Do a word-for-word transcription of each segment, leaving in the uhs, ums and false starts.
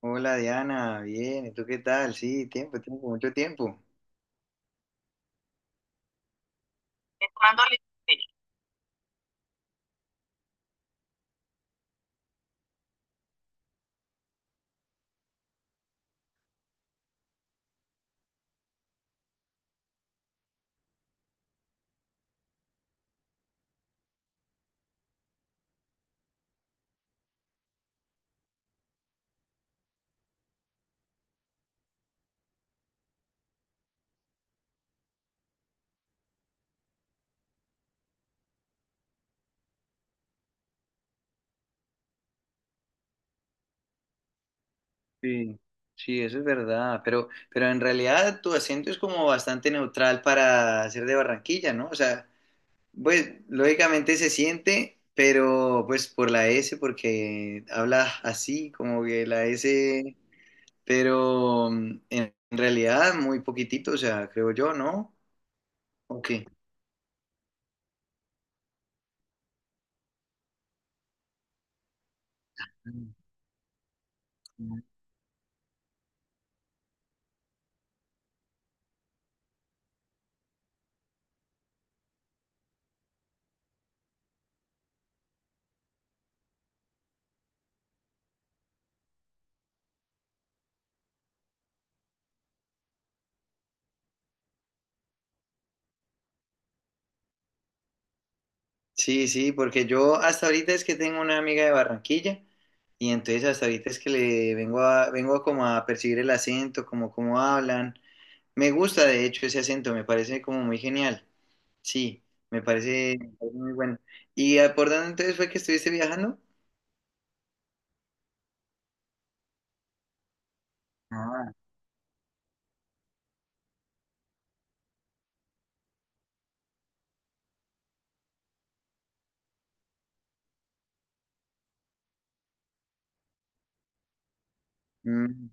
Hola Diana, bien, ¿y tú qué tal? Sí, tiempo, tiempo, mucho tiempo. Tomándole- sello. Sí. Sí, eso es verdad, pero, pero en realidad tu acento es como bastante neutral para ser de Barranquilla, ¿no? O sea, pues lógicamente se siente, pero pues por la S, porque hablas así, como que la S, pero mm, en realidad muy poquitito, o sea, creo yo, ¿no? Ok. Sí, sí, porque yo hasta ahorita es que tengo una amiga de Barranquilla y entonces hasta ahorita es que le vengo a, vengo a como a percibir el acento, como cómo hablan. Me gusta de hecho ese acento, me parece como muy genial. Sí, me parece, me parece muy bueno. ¿Y ah, por dónde entonces fue que estuviste viajando? Ah. Mm.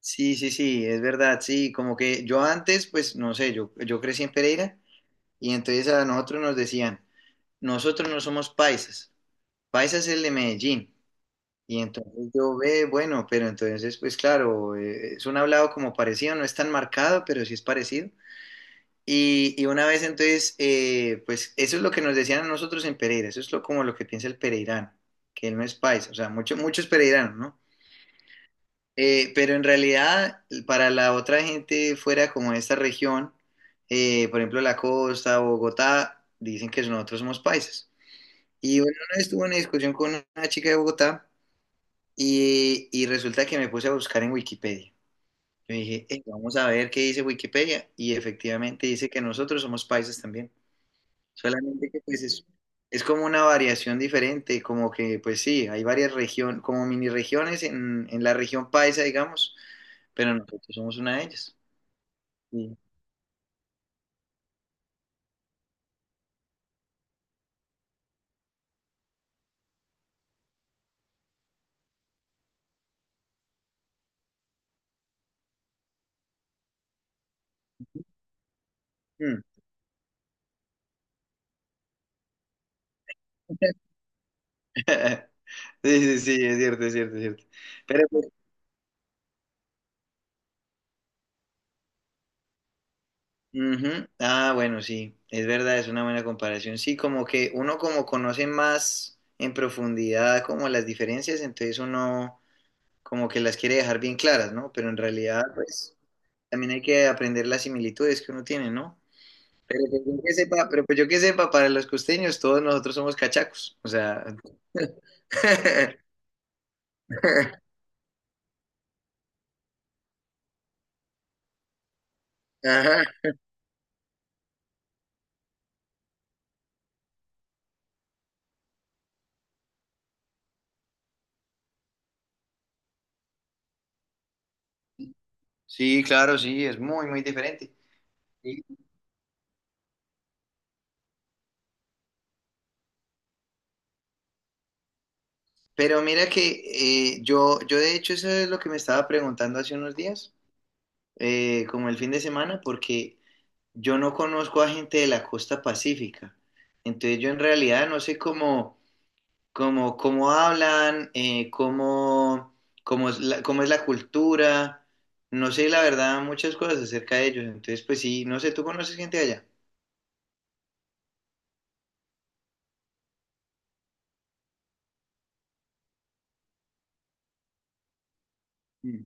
Sí, sí, sí, es verdad, sí, como que yo antes, pues no sé, yo, yo crecí en Pereira y entonces a nosotros nos decían, nosotros no somos paisas, paisas es el de Medellín. Y entonces yo ve, bueno, pero entonces, pues claro, eh, es un hablado como parecido, no es tan marcado, pero sí es parecido. Y, y una vez entonces, eh, pues eso es lo que nos decían a nosotros en Pereira, eso es lo, como lo que piensa el pereirano, que él no es paisa, o sea, mucho, muchos pereiranos, ¿no? Eh, pero en realidad, para la otra gente fuera como de esta región, eh, por ejemplo, la costa, Bogotá, dicen que nosotros somos paisas. Y bueno, una vez tuve una discusión con una chica de Bogotá, y, y resulta que me puse a buscar en Wikipedia. Yo dije, "Eh, vamos a ver qué dice Wikipedia". Y efectivamente dice que nosotros somos paisas también. Solamente que pues es, es como una variación diferente, como que pues sí, hay varias regiones, como mini regiones en, en la región paisa, digamos, pero nosotros somos una de ellas. Sí. Mm. Sí, sí, sí, es cierto, es cierto, es cierto. Pero pues, ujú. Ah, bueno, sí, es verdad, es una buena comparación. Sí, como que uno como conoce más en profundidad como las diferencias, entonces uno como que las quiere dejar bien claras, ¿no? Pero en realidad, pues, también hay que aprender las similitudes que uno tiene, ¿no? Pero pues yo que sepa, pero pues yo que sepa, para los costeños todos nosotros somos cachacos, o sea... Ajá. Sí, claro, sí, es muy, muy diferente. Sí. Pero mira que eh, yo, yo de hecho eso es lo que me estaba preguntando hace unos días, eh, como el fin de semana, porque yo no conozco a gente de la costa pacífica. Entonces yo en realidad no sé cómo, cómo, cómo hablan, eh, cómo, cómo es la, cómo es la cultura, no sé la verdad muchas cosas acerca de ellos. Entonces pues sí, no sé, ¿tú conoces gente de allá? Mm.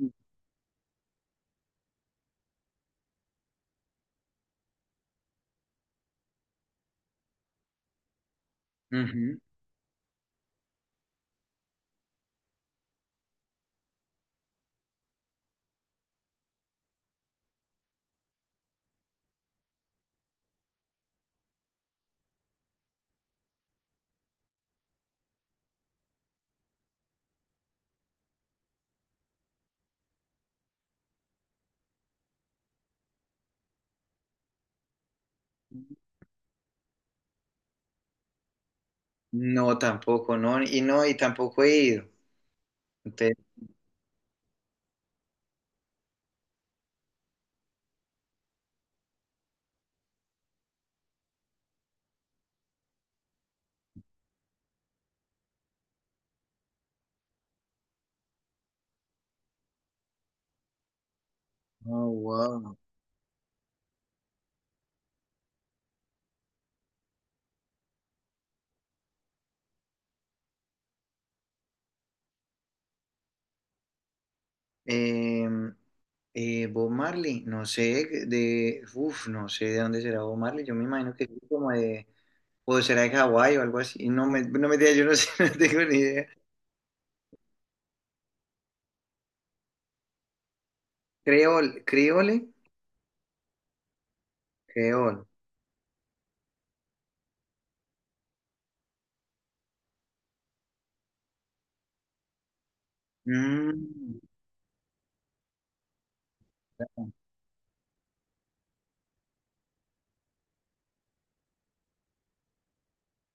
Mm. Ujú. No, tampoco, no, y no, y tampoco he ido. Entonces, oh, wow. Eh, eh, Bob Marley, no sé de, uf, no sé de dónde será Bob Marley, yo me imagino que es como de, o será de Hawái o algo así, no me, no me digas, yo no sé, no tengo ni idea. Creol, creole, creol. Mm, bueno,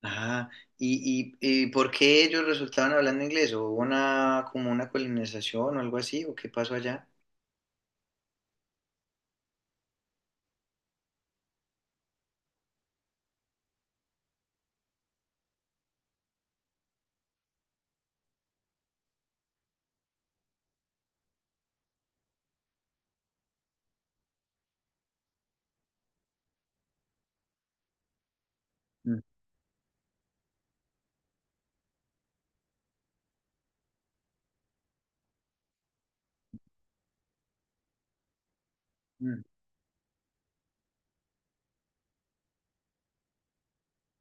ajá. ¿Y, y, y ¿por qué ellos resultaban hablando inglés? ¿O hubo una, como una colonización o algo así? ¿O qué pasó allá? Mm. Mm.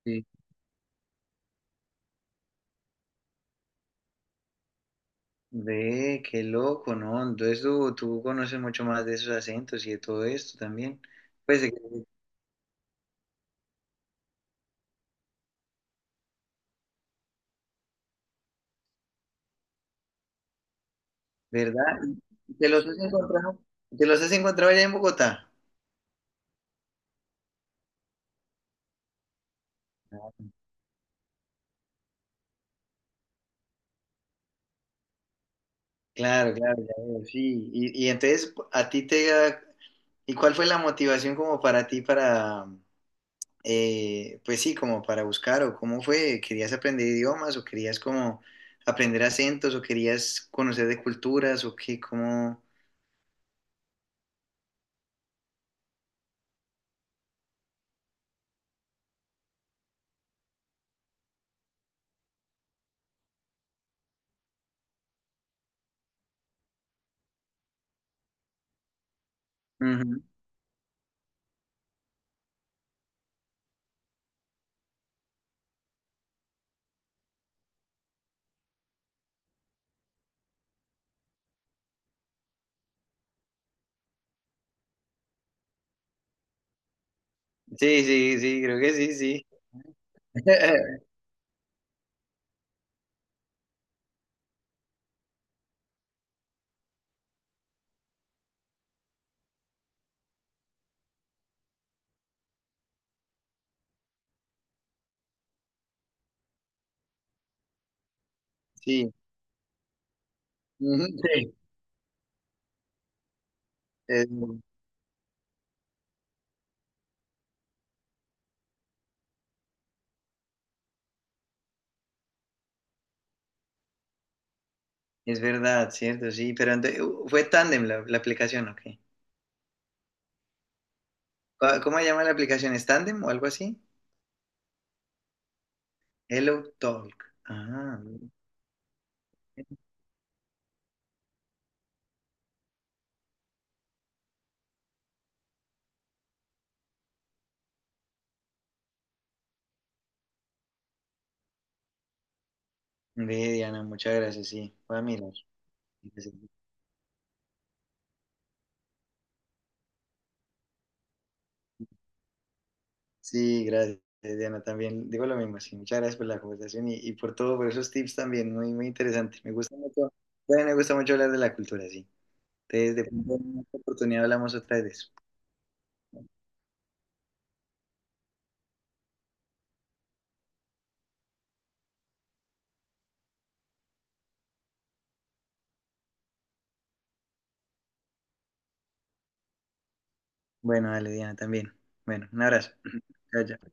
Sí. Ve, qué loco, ¿no? Entonces tú, tú conoces mucho más de esos acentos y de todo esto también. Pues, de- ¿verdad? ¿Te los has encontrado? ¿Te los has encontrado allá en Bogotá? Claro, claro, ya veo, sí. Y, y entonces, a ti te... ¿Y cuál fue la motivación como para ti para... eh, pues sí, como para buscar o cómo fue? ¿Querías aprender idiomas o querías como aprender acentos o querías conocer de culturas o qué? ¿Cómo...? Ujú. Sí, sí, sí, creo que sí, sí. Sí, ujú, sí, es, es verdad, cierto, sí, pero ente- uh, fue Tandem la, la aplicación, ok. ¿Cómo cómo se llama la aplicación? ¿Es Tandem o algo así? Hello Talk. Ah, ve, Diana, muchas gracias, sí, voy a mirar. Sí, gracias, Diana, también digo lo mismo, sí, muchas gracias por la conversación y, y por todo, por esos tips también, muy, muy interesante. Me gusta mucho, también me gusta mucho hablar de la cultura, sí. Entonces, de pronto en otra oportunidad hablamos otra vez de eso. Bueno, dale, Diana, también. Bueno, un abrazo. Chao, chao.